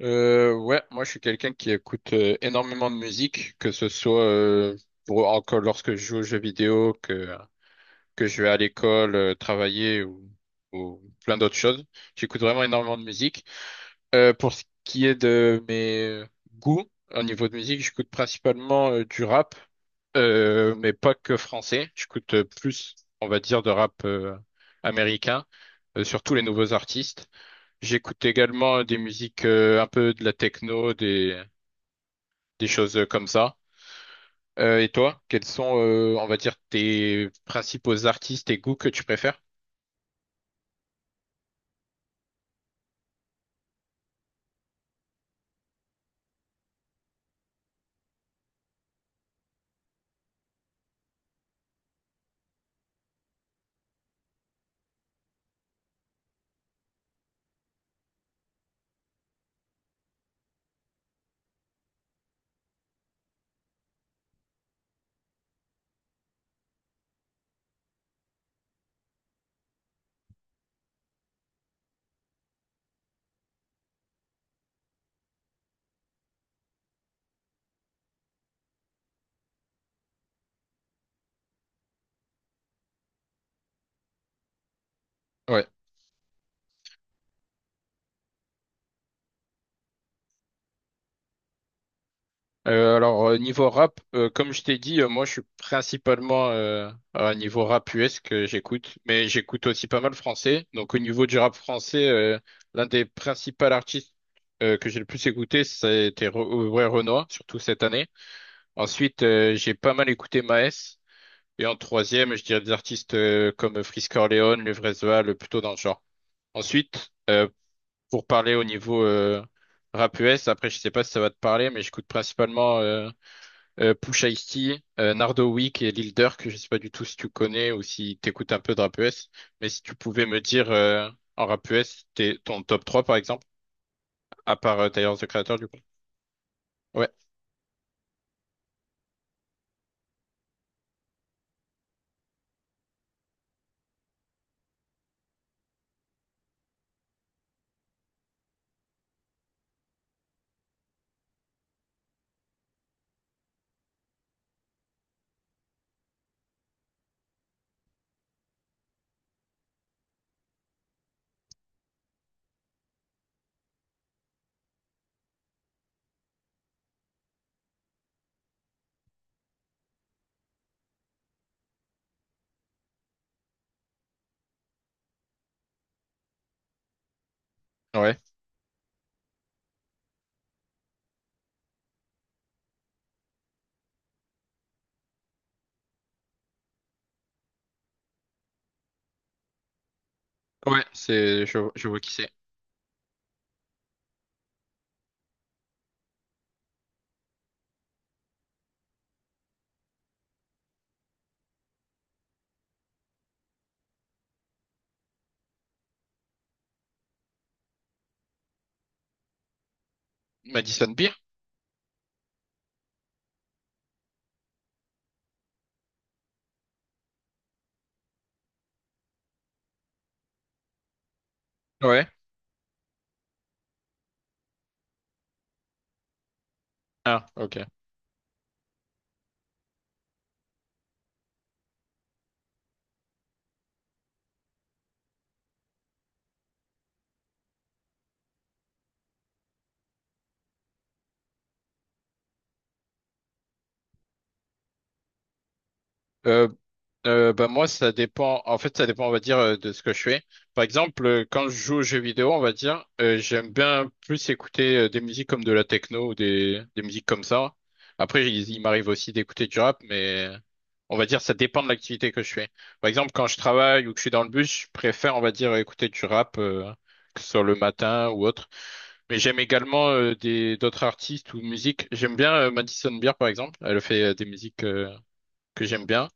Ouais, moi je suis quelqu'un qui écoute énormément de musique, que ce soit pour, encore lorsque je joue aux jeux vidéo, que je vais à l'école, travailler ou plein d'autres choses. J'écoute vraiment énormément de musique. Pour ce qui est de mes goûts au niveau de musique, j'écoute principalement du rap, mais pas que français. J'écoute plus, on va dire, de rap américain, surtout les nouveaux artistes. J'écoute également des musiques un peu de la techno, des choses comme ça. Et toi, quels sont, on va dire, tes principaux artistes et goûts que tu préfères? Ouais. Alors niveau rap, comme je t'ai dit, moi je suis principalement à niveau rap US que j'écoute, mais j'écoute aussi pas mal français. Donc au niveau du rap français, l'un des principaux artistes que j'ai le plus écouté, c'était Aurel Renoir, surtout cette année. Ensuite, j'ai pas mal écouté Maes. Et en troisième, je dirais des artistes comme Frisk Orleans, Levresval, plutôt dans le genre. Ensuite, pour parler au niveau rap US, après je sais pas si ça va te parler, mais j'écoute principalement Pusha T, Nardo Wick et Lil Durk. Je sais pas du tout si tu connais ou si t'écoutes un peu de rap US, mais si tu pouvais me dire en rap US t'es, ton top 3 par exemple, à part Tyler, the Creator du coup. Ouais, ouais, ouais, je vois qui c'est. Madison Beer? Ouais. Ah, ok. Euh, Bah, moi, ça dépend. En fait, ça dépend, on va dire, de ce que je fais. Par exemple, quand je joue aux jeux vidéo, on va dire, j'aime bien plus écouter des musiques comme de la techno ou des musiques comme ça. Après, il m'arrive aussi d'écouter du rap, mais on va dire, ça dépend de l'activité que je fais. Par exemple, quand je travaille ou que je suis dans le bus, je préfère, on va dire, écouter du rap, que ce soit le matin ou autre. Mais j'aime également des d'autres artistes ou musiques. J'aime bien Madison Beer, par exemple. Elle fait des musiques que j'aime bien.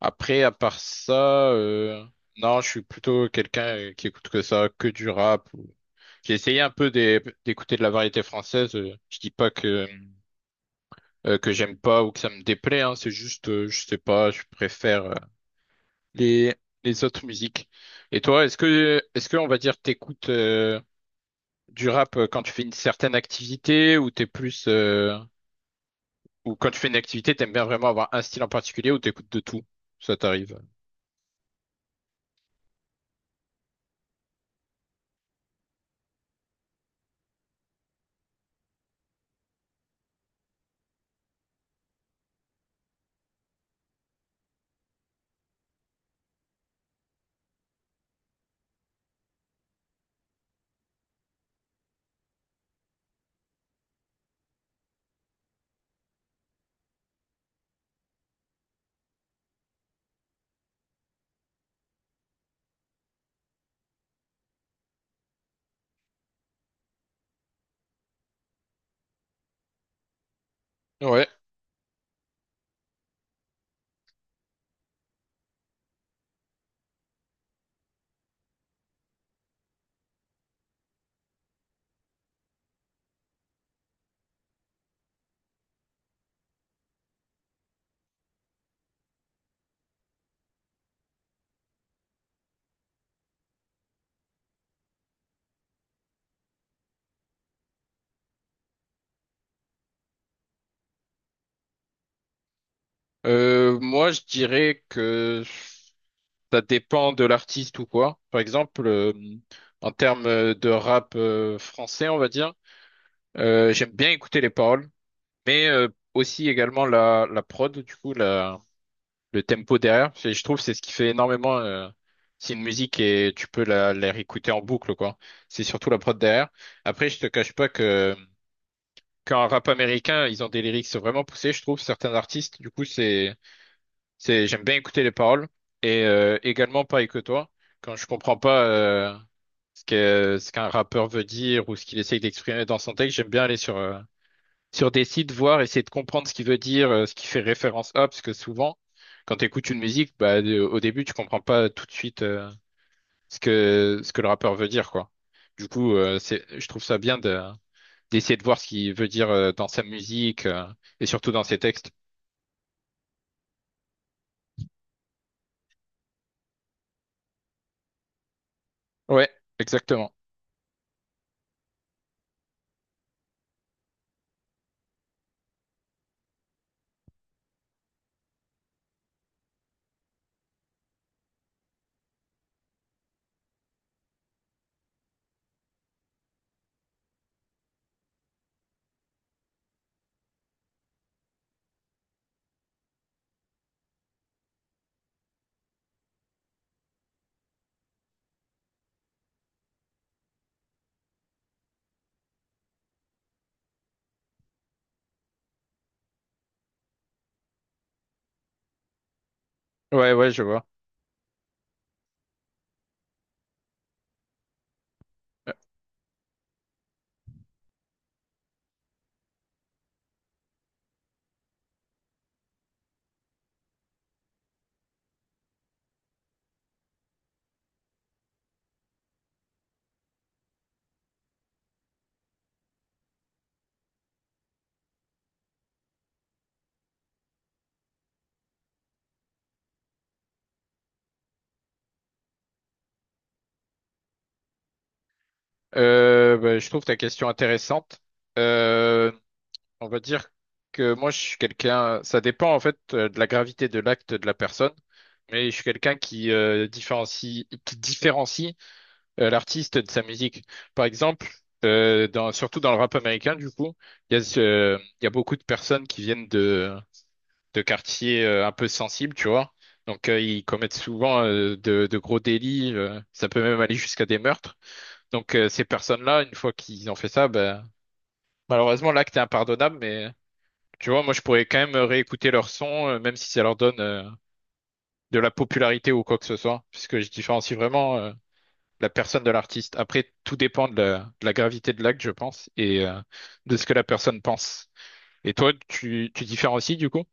Après, à part ça, non, je suis plutôt quelqu'un qui écoute que ça, que du rap. J'ai essayé un peu d'écouter de la variété française. Je dis pas que j'aime pas ou que ça me déplaît, hein, c'est juste, je sais pas, je préfère les les autres musiques. Et toi, est-ce que on va dire t'écoutes du rap quand tu fais une certaine activité ou t'es plus Ou quand tu fais une activité, t'aimes bien vraiment avoir un style en particulier ou t'écoutes de tout? Ça t'arrive. Ouais. Moi, je dirais que ça dépend de l'artiste ou quoi. Par exemple, en termes de rap français, on va dire, j'aime bien écouter les paroles. Mais aussi également la prod, du coup, le tempo derrière. Je trouve c'est ce qui fait énormément. C'est une musique et tu peux la réécouter en boucle, quoi. C'est surtout la prod derrière. Après, je te cache pas que quand un rap américain, ils ont des lyrics vraiment poussés, je trouve, certains artistes. Du coup, c'est, j'aime bien écouter les paroles. Et également, pareil que toi, quand je comprends pas ce qu'un rappeur veut dire ou ce qu'il essaye d'exprimer dans son texte, j'aime bien aller sur des sites, voir, essayer de comprendre ce qui veut dire, ce qui fait référence à, parce que souvent, quand tu écoutes une musique, bah, au début, tu comprends pas tout de suite ce que le rappeur veut dire, quoi. Du coup, je trouve ça bien d'essayer de voir ce qu'il veut dire dans sa musique et surtout dans ses textes. Ouais, exactement. Ouais, ouais, je vois. Bah, je trouve ta question intéressante. Euh, On va dire que moi, je suis quelqu'un, ça dépend en fait de la gravité de l'acte de la personne, mais je suis quelqu'un qui qui différencie l'artiste de sa musique. Par exemple, surtout dans le rap américain, du coup, il y a beaucoup de personnes qui viennent de quartiers un peu sensibles, tu vois. Donc, ils commettent souvent de gros délits, ça peut même aller jusqu'à des meurtres. Donc, ces personnes-là, une fois qu'ils ont fait ça, ben, malheureusement, l'acte est impardonnable, mais tu vois, moi, je pourrais quand même réécouter leur son, même si ça leur donne de la popularité ou quoi que ce soit, puisque je différencie vraiment la personne de l'artiste. Après, tout dépend de la gravité de l'acte, je pense, et de ce que la personne pense. Et toi, tu différencies du coup?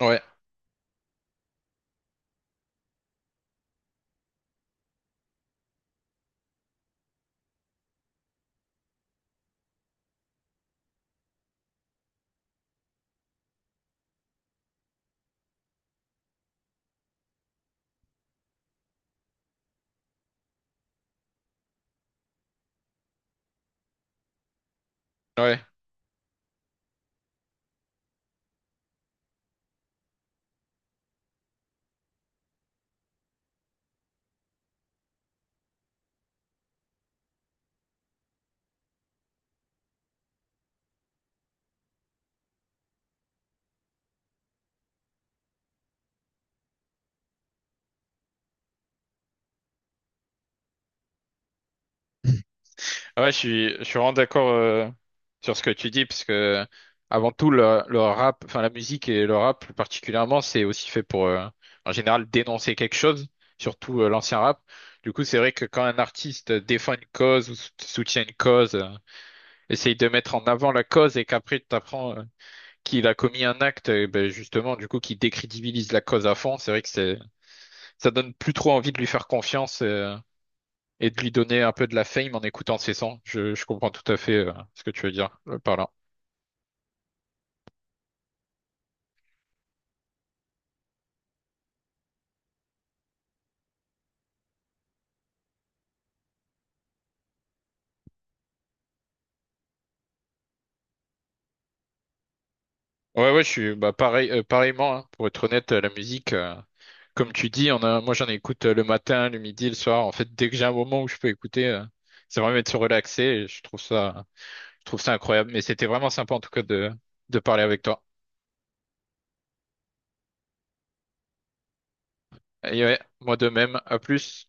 Ouais. Ouais. Ah, ouais, je suis vraiment d'accord sur ce que tu dis, parce que avant tout, le rap, enfin la musique et le rap plus particulièrement, c'est aussi fait pour, en général, dénoncer quelque chose, surtout l'ancien rap. Du coup, c'est vrai que quand un artiste défend une cause ou soutient une cause, essaye de mettre en avant la cause et qu'après tu t'apprends qu'il a commis un acte, ben, justement, du coup, qui décrédibilise la cause à fond, c'est vrai que ça donne plus trop envie de lui faire confiance. Et de lui donner un peu de la fame en écoutant ses sons. Je comprends tout à fait ce que tu veux dire par là. Ouais, ouais, je suis bah, pareil, pareillement, hein. Pour être honnête, la musique, comme tu dis, moi j'en écoute le matin, le midi, le soir. En fait, dès que j'ai un moment où je peux écouter, ça va me mettre relaxé et je trouve ça incroyable. Mais c'était vraiment sympa en tout cas de parler avec toi. Et ouais, moi de même, à plus.